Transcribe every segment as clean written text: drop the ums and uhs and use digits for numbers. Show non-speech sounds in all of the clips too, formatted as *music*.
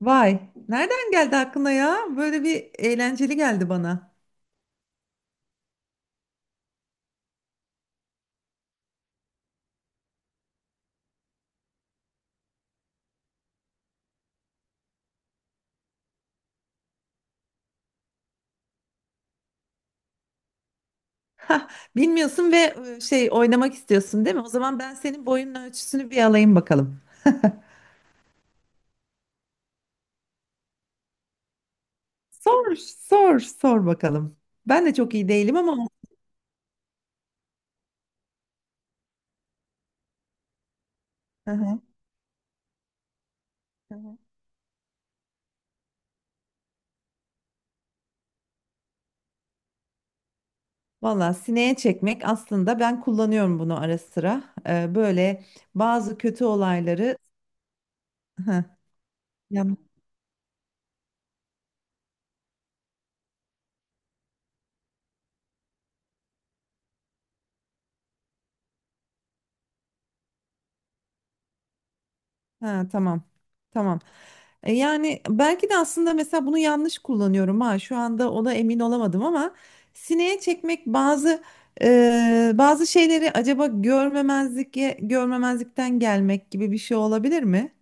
Vay, nereden geldi aklına ya? Böyle bir eğlenceli geldi bana. Hah, bilmiyorsun ve şey oynamak istiyorsun değil mi? O zaman ben senin boyunun ölçüsünü bir alayım bakalım. Sor, sor, sor bakalım. Ben de çok iyi değilim ama. Hı hı. Valla sineye çekmek aslında ben kullanıyorum bunu ara sıra. Böyle bazı kötü olayları. Hı. Ya, ha, tamam. Tamam. Yani belki de aslında mesela bunu yanlış kullanıyorum ha. Şu anda ona emin olamadım ama sineye çekmek bazı bazı şeyleri acaba görmemezlikten gelmek gibi bir şey olabilir mi?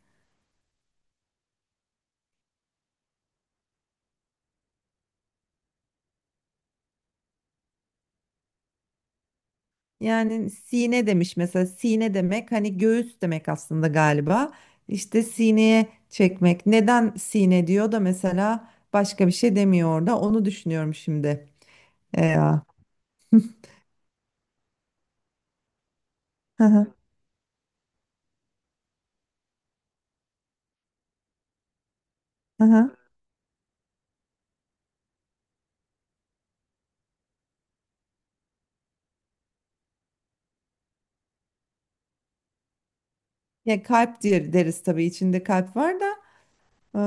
Yani sine demiş, mesela sine demek hani göğüs demek aslında galiba. İşte sineye çekmek. Neden sine diyor da mesela başka bir şey demiyor orada? Onu düşünüyorum şimdi. E, ya. Hı hı. Hı hı. Ya, kalp diye deriz tabii, içinde kalp var da e,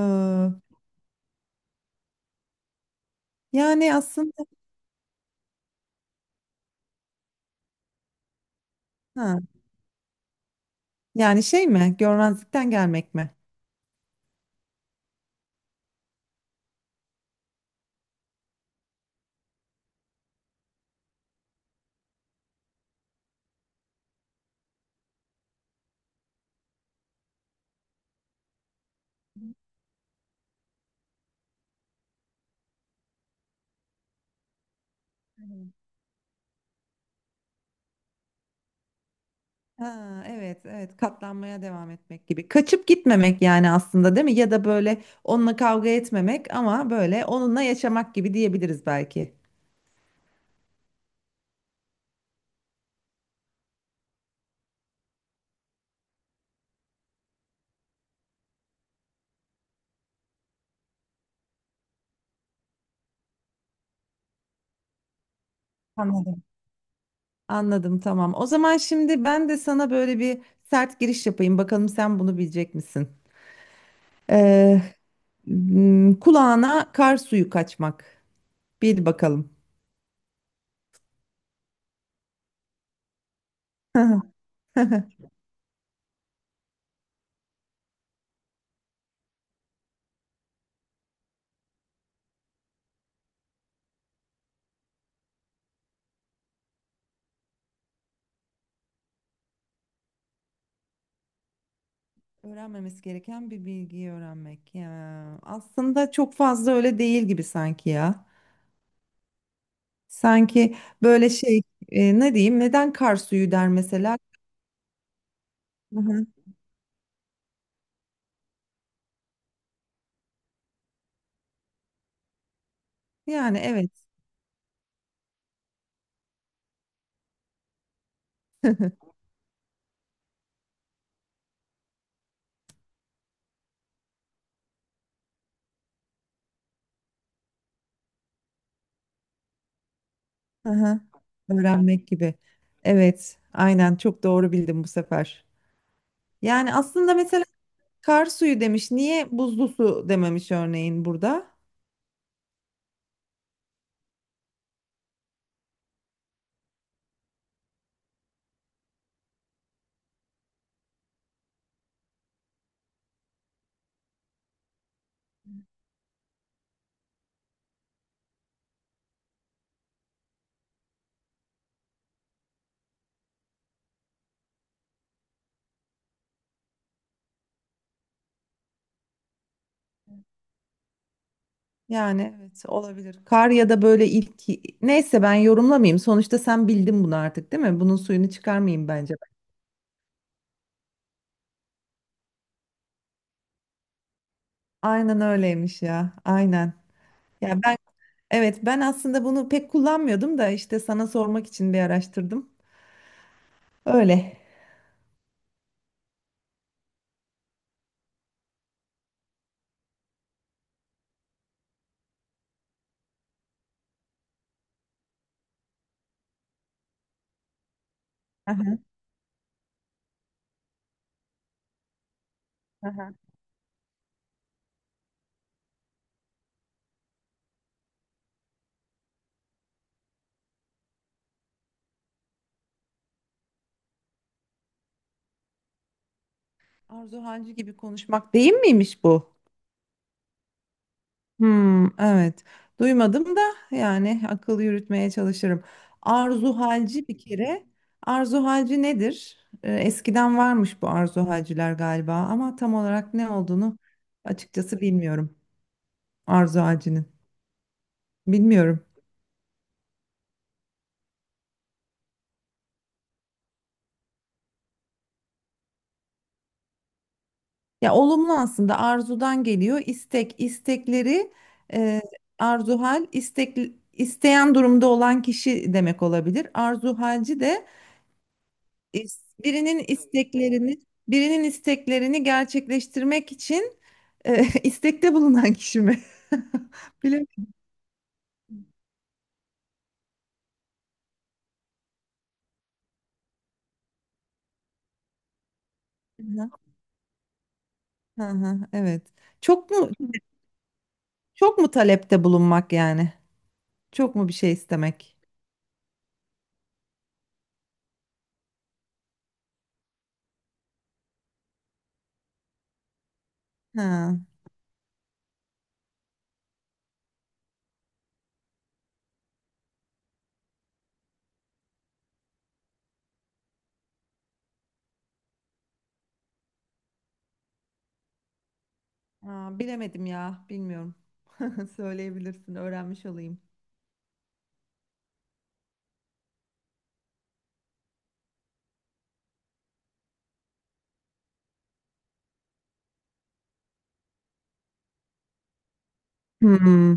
yani aslında, ha, yani şey mi, görmezlikten gelmek mi? Aynen. Ha, evet, evet, katlanmaya devam etmek gibi. Kaçıp gitmemek yani aslında, değil mi? Ya da böyle onunla kavga etmemek ama böyle onunla yaşamak gibi diyebiliriz belki. Anladım. Anladım, tamam. O zaman şimdi ben de sana böyle bir sert giriş yapayım. Bakalım sen bunu bilecek misin? Ee, kulağına kar suyu kaçmak. Bil bakalım. *laughs* Hı hı. Öğrenmemesi gereken bir bilgiyi öğrenmek. Ya, aslında çok fazla öyle değil gibi sanki ya. Sanki böyle ne diyeyim, neden kar suyu der mesela? Hı hı. Yani evet. Hı hı. Öğrenmek gibi. Evet, aynen, çok doğru bildim bu sefer. Yani aslında mesela kar suyu demiş. Niye buzlu su dememiş örneğin burada? Yani evet, olabilir. Kar ya da böyle ilk, neyse ben yorumlamayayım. Sonuçta sen bildin bunu artık, değil mi? Bunun suyunu çıkarmayayım bence. Aynen öyleymiş ya. Aynen. Ya ben evet, ben aslında bunu pek kullanmıyordum da işte sana sormak için bir araştırdım. Öyle. Hı hı, Arzu Hancı gibi konuşmak değil miymiş bu? Hmm, evet. Duymadım da yani akıl yürütmeye çalışırım. Arzu halci bir kere. Arzu halci nedir? Eskiden varmış bu arzu halciler galiba ama tam olarak ne olduğunu açıkçası bilmiyorum. Arzu halcinin. Bilmiyorum. Ya olumlu, aslında arzudan geliyor. İstek, istekleri e, arzu hal, istek, isteyen durumda olan kişi demek olabilir. Arzu halci de birinin isteklerini gerçekleştirmek için *laughs* istekte bulunan kişi mi? *laughs* Bilemedim. Ya. Hı hı, evet. Çok mu çok mu talepte bulunmak yani? Çok mu bir şey istemek? Ha. Aa, bilemedim ya, bilmiyorum. *laughs* Söyleyebilirsin, öğrenmiş olayım. Hmm.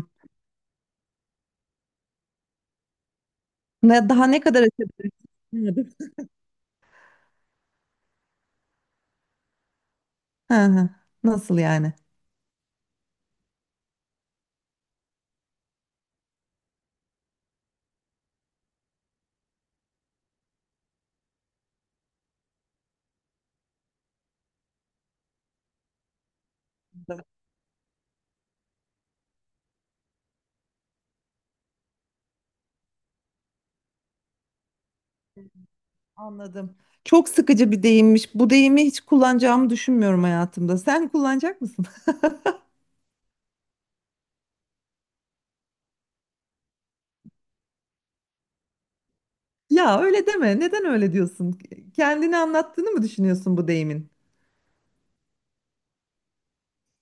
Ne, daha ne kadar açabiliriz? Hı hı. Nasıl yani? Anladım. Çok sıkıcı bir deyimmiş. Bu deyimi hiç kullanacağımı düşünmüyorum hayatımda. Sen kullanacak mısın? *laughs* Ya öyle deme. Neden öyle diyorsun? Kendini anlattığını mı düşünüyorsun bu deyimin?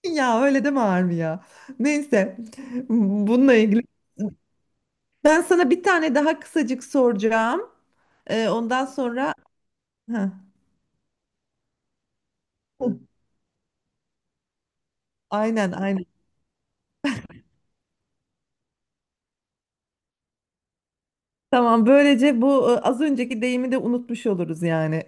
Ya öyle deme Armi ya. Neyse. Bununla ilgili. Ben sana bir tane daha kısacık soracağım. Ondan sonra... Heh. Aynen, aynen. Tamam, böylece bu, az önceki deyimi de unutmuş oluruz yani.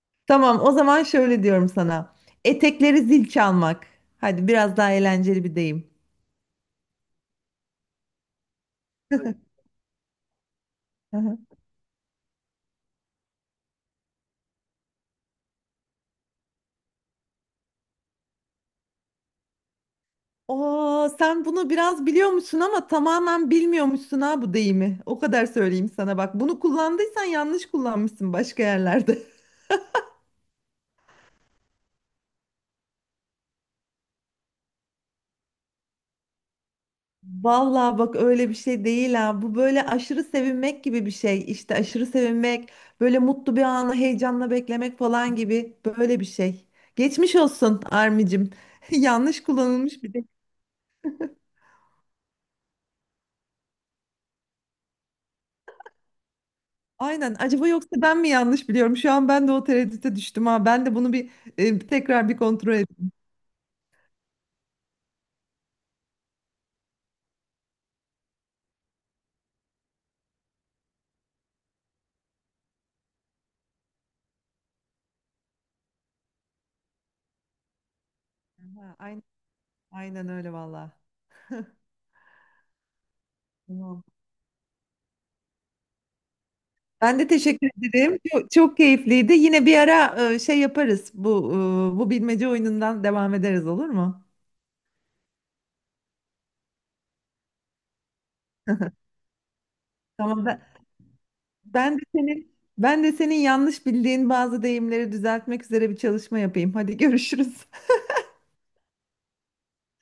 *laughs* Tamam, o zaman şöyle diyorum sana. Etekleri zil çalmak. Hadi, biraz daha eğlenceli bir deyim. Hı hı. Oo, sen bunu biraz biliyormuşsun ama tamamen bilmiyormuşsun ha bu deyimi. O kadar söyleyeyim sana bak. Bunu kullandıysan yanlış kullanmışsın başka yerlerde. Vallahi bak öyle bir şey değil ha. Bu böyle aşırı sevinmek gibi bir şey. İşte aşırı sevinmek, böyle mutlu bir anı heyecanla beklemek falan gibi böyle bir şey. Geçmiş olsun Armicim. *laughs* Yanlış kullanılmış bir de. Aynen. Acaba yoksa ben mi yanlış biliyorum? Şu an ben de o tereddüte düştüm ha. Ben de bunu bir tekrar bir kontrol edeyim. Ha, aynen, aynen öyle vallahi. Tamam. Ben de teşekkür ederim. Çok, çok keyifliydi. Yine bir ara şey yaparız. Bu, bu bilmece oyunundan devam ederiz, olur mu? Tamam, ben de senin yanlış bildiğin bazı deyimleri düzeltmek üzere bir çalışma yapayım. Hadi görüşürüz.